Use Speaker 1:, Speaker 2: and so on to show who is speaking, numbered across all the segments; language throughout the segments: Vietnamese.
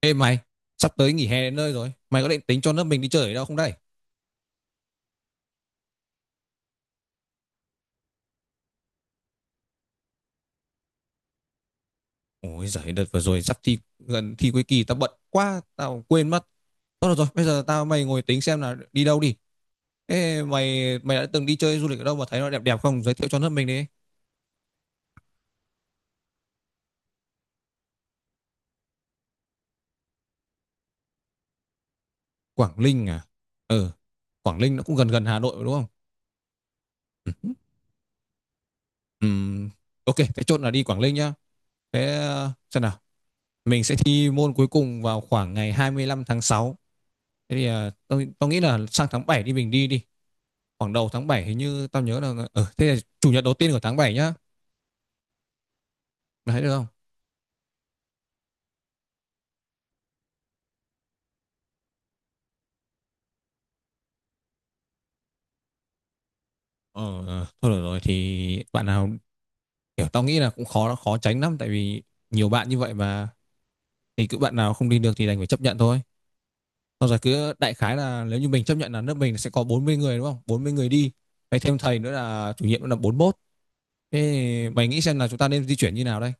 Speaker 1: Ê mày, sắp tới nghỉ hè đến nơi rồi. Mày có định tính cho lớp mình đi chơi ở đâu không đây? Ôi giời, đợt vừa rồi sắp thi gần thi cuối kỳ tao bận quá, tao quên mất. Thôi được rồi, bây giờ tao mày ngồi tính xem là đi đâu đi. Ê mày mày đã từng đi chơi du lịch ở đâu mà thấy nó đẹp đẹp không? Giới thiệu cho lớp mình đi. Quảng Ninh à? Ừ, Quảng Ninh nó cũng gần gần Hà Nội mà đúng không? Ừ. Ừm, ok, thế chốt là đi Quảng Ninh nhá. Thế xem nào, mình sẽ thi môn cuối cùng vào khoảng ngày 25 tháng 6. Thế thì tao nghĩ là sang tháng 7 đi, mình đi đi khoảng đầu tháng 7. Hình như tao nhớ là thế là chủ nhật đầu tiên của tháng 7 nhá. Mày thấy được không? Ờ ờ, thôi được rồi thì bạn nào, kiểu tao nghĩ là cũng khó khó tránh lắm, tại vì nhiều bạn như vậy mà. Thì cứ bạn nào không đi được thì đành phải chấp nhận thôi. Xong rồi cứ đại khái là nếu như mình chấp nhận là lớp mình sẽ có 40 người, đúng không? 40 người đi. Mày thêm thầy nữa là chủ nhiệm nữa là 41. Thế mày nghĩ xem là chúng ta nên di chuyển như nào đây?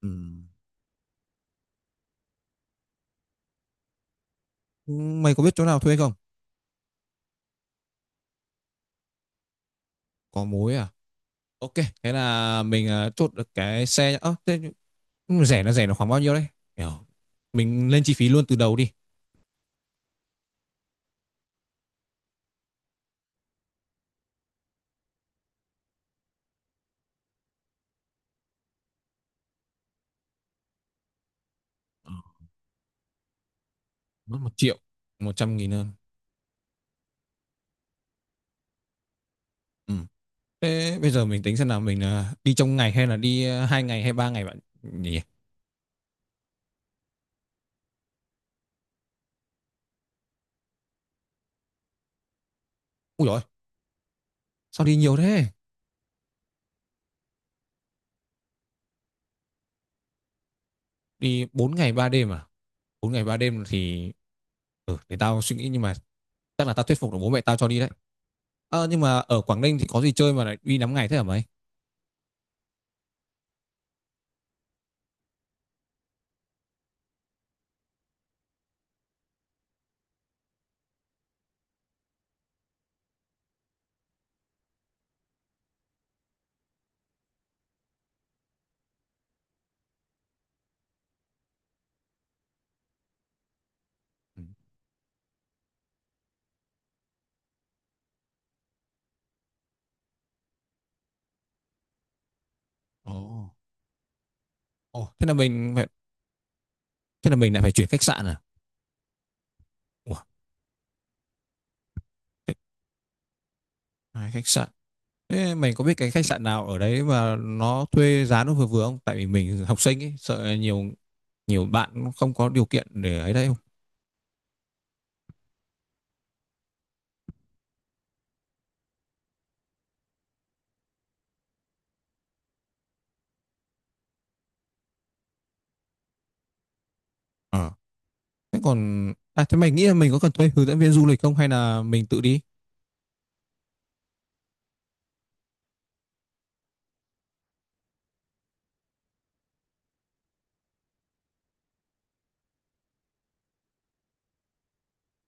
Speaker 1: Ừ. Mày có biết chỗ nào thuê không? Có mối à? Ok. Thế là mình chốt được cái xe nhá. Ơ, thế. Ừ, rẻ là khoảng bao nhiêu đấy? Kiểu mình lên chi phí luôn từ đầu đi. Mất 1 triệu. Một trăm nghìn hơn. Ừ. Thế bây giờ mình tính xem nào, mình đi trong ngày hay là đi 2 ngày hay 3 ngày bạn nhỉ? Ui rồi. Sao đi nhiều thế? Đi 4 ngày 3 đêm à? 4 ngày 3 đêm thì, ừ, để tao suy nghĩ. Nhưng mà chắc là tao thuyết phục được bố mẹ tao cho đi đấy. Ờ, nhưng mà ở Quảng Ninh thì có gì chơi mà lại đi 5 ngày thế hả mày? Ừ. Ồ. Ồ, thế là mình lại phải chuyển khách sạn à? Ủa, thế- 2 khách sạn. Thế mày có biết cái khách sạn nào ở đấy mà nó thuê giá nó vừa vừa không? Tại vì mình học sinh ấy, sợ nhiều nhiều bạn nó không có điều kiện để ấy đấy, không? Ờ. Thế còn thế mày nghĩ là mình có cần thuê hướng dẫn viên du lịch không hay là mình tự đi?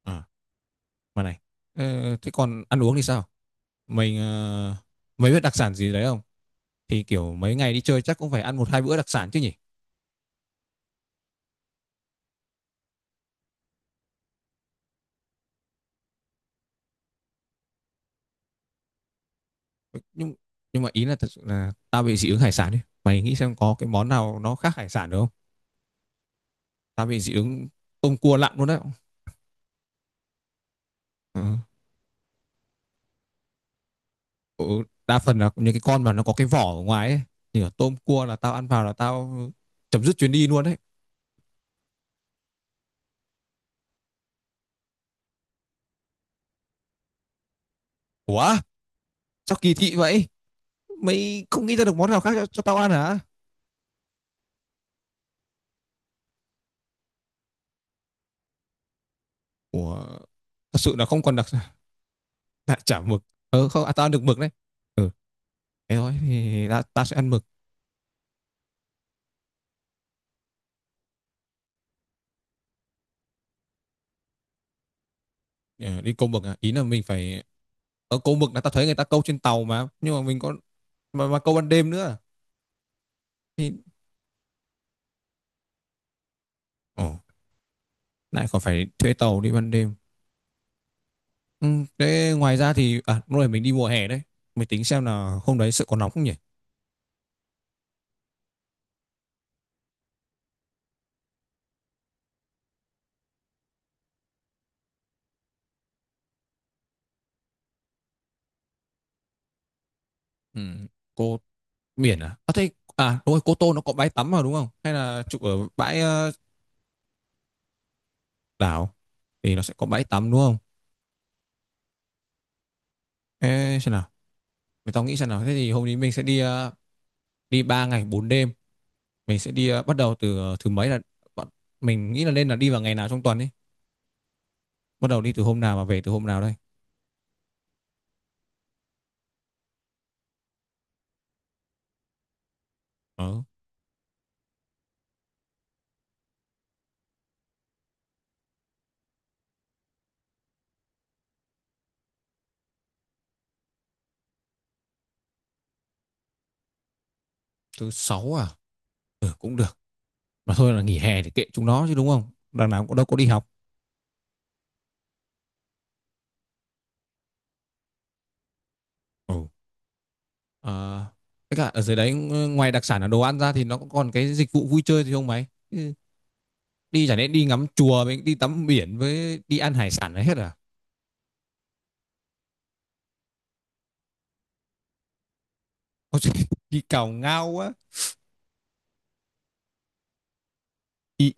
Speaker 1: Ờ, mà này. Ờ, thế còn ăn uống thì sao? Mình mày biết đặc sản gì đấy không? Thì kiểu mấy ngày đi chơi chắc cũng phải ăn 1 2 bữa đặc sản chứ nhỉ? Nhưng nhưng mà ý là thật sự là tao bị dị ứng hải sản ấy. Mày nghĩ xem có cái món nào nó khác hải sản được không? Tao bị dị ứng tôm cua lặn luôn đấy. Ừ. Ừ, đa phần là những cái con mà nó có cái vỏ ở ngoài ấy, như là tôm cua, là tao ăn vào là tao chấm dứt chuyến đi luôn đấy. Ủa, sao kỳ thị vậy? Mày không nghĩ ra được món nào khác cho tao ăn hả? Ủa, thật sự là không còn đặc đại chả mực. Không à, tao ăn được mực đấy. Ừ, thế thôi thì ta sẽ ăn mực. Ờ, đi câu mực à? Ý là mình phải, ở câu mực là tao thấy người ta câu trên tàu mà, nhưng mà mình có mà câu ban đêm nữa thì ồ, lại còn phải thuê tàu đi ban đêm. Ừ, thế ngoài ra thì lúc này mình đi mùa hè đấy, mình tính xem là hôm đấy sự có nóng không nhỉ? Ừ, cô biển À thế, à đúng rồi, Cô Tô nó có bãi tắm mà đúng không, hay là chụp ở bãi đảo thì nó sẽ có bãi tắm đúng không? Ê, xem nào, mình, tao nghĩ xem nào, thế thì hôm nay mình sẽ đi 3 ngày 4 đêm. Mình sẽ đi bắt đầu từ thứ mấy là bọn- mình nghĩ là nên là đi vào ngày nào trong tuần ấy, bắt đầu đi từ hôm nào mà về từ hôm nào đây? ờ, Thứ sáu à? Ừ, cũng được. Mà thôi là nghỉ hè thì kệ chúng nó chứ, đúng không, đằng nào cũng đâu có đi học. Ừ. Ờ, tất cả ở dưới đấy ngoài đặc sản là đồ ăn ra thì nó cũng còn cái dịch vụ vui chơi thì không mấy. Ừ, đi chẳng lẽ đi ngắm chùa với đi tắm biển với đi ăn hải sản là hết à? Có gì đi cào ngao quá. Ý,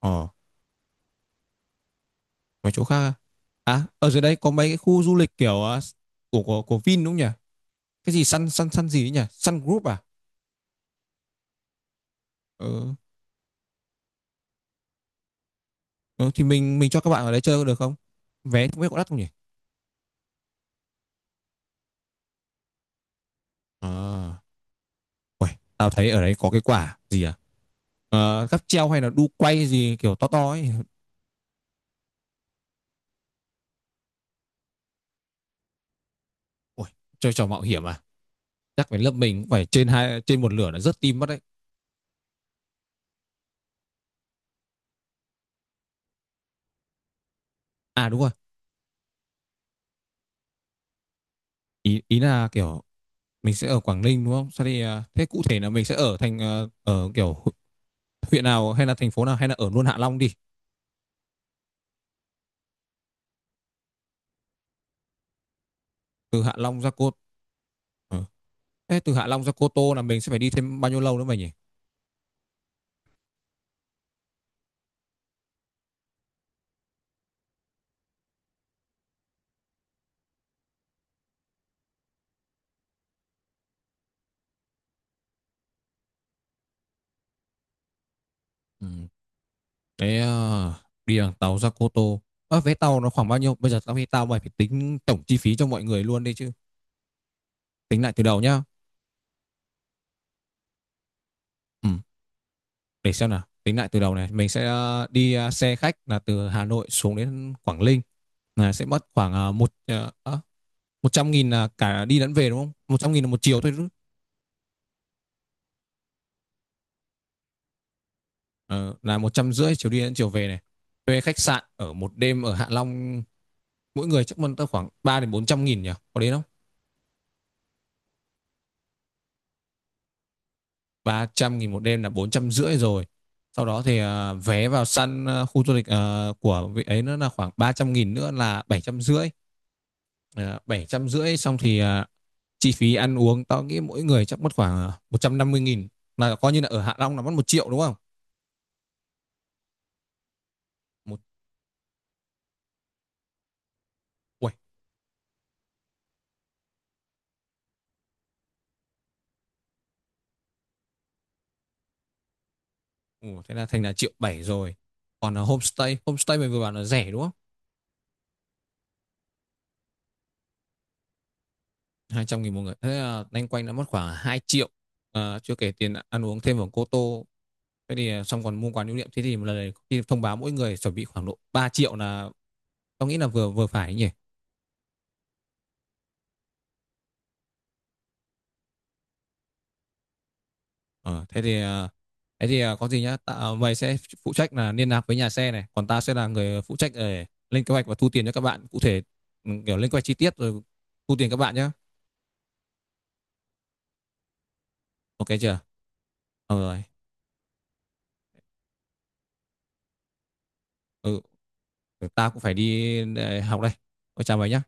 Speaker 1: ờ, mấy chỗ khác à? À, ở dưới đấy có mấy cái khu du lịch kiểu của Vin đúng không nhỉ? Cái gì Sun Sun Sun gì ấy nhỉ? Sun Group à? Ờ, ờ, thì mình cho các bạn ở đấy chơi có được không? Vé không biết có đắt không nhỉ? À, uầy, tao thấy ở đấy có cái quả gì à? Ờ, cáp treo hay là đu quay gì kiểu to to ấy. Ôi, chơi trò mạo hiểm à? Chắc phải lớp mình cũng phải trên hai trên một lửa là rất tim mất đấy. À đúng rồi. Ý ý là kiểu mình sẽ ở Quảng Ninh đúng không? Sao thì thế cụ thể là mình sẽ ở thành ở kiểu huyện nào hay là thành phố nào, hay là ở luôn Hạ Long đi. Từ Hạ Long ra Cô Ờ. Thế từ Hạ Long ra Cô Tô là mình sẽ phải đi thêm bao nhiêu lâu nữa mày nhỉ? Ừ. Thế đi bằng tàu ra Cô Tô. À, vé tàu nó khoảng bao nhiêu? Bây giờ tao nghĩ tao mày phải tính tổng chi phí cho mọi người luôn đi chứ. Tính lại từ đầu nhá. Ừ. Để xem nào, tính lại từ đầu này, mình sẽ xe khách là từ Hà Nội xuống đến Quảng Ninh là sẽ mất khoảng một một trăm nghìn là cả đi lẫn về đúng không? 100 nghìn là một chiều thôi. Ờ, là 150 nghìn chiều đi đến chiều về này. Thuê khách sạn ở 1 đêm ở Hạ Long mỗi người chắc mất tới khoảng 300 đến 400 nghìn nhỉ, có đến không? 300 nghìn 1 đêm là 450 nghìn rồi. Sau đó thì vé vào săn khu du lịch của vị ấy nữa là khoảng 300 nghìn nữa là 750 nghìn. Ờ, 750 nghìn xong thì chi phí ăn uống tao nghĩ mỗi người chắc mất khoảng 150 nghìn, là coi như là ở Hạ Long là mất triệu đúng không? Một ui. Ừ, thế là thành là 1 triệu 7 rồi. Còn là homestay homestay mình vừa bảo là rẻ đúng không? 200 nghìn một người, thế là loanh quanh đã mất khoảng 2 triệu. À, chưa kể tiền ăn uống thêm ở Cô Tô. Thế thì xong còn mua quà lưu niệm, thế thì một lần này thông báo mỗi người chuẩn bị khoảng độ 3 triệu là tao nghĩ là vừa vừa phải nhỉ. Ờ, thế thì có gì nhá, ta, mày sẽ phụ trách là liên lạc với nhà xe này, còn ta sẽ là người phụ trách để lên kế hoạch và thu tiền cho các bạn cụ thể. Ừ, kiểu lên kế hoạch chi tiết rồi thu tiền các bạn nhá. Ok chưa? Ờ rồi. Ừ, ta cũng phải đi học đây. Ôi, chào mày nhá.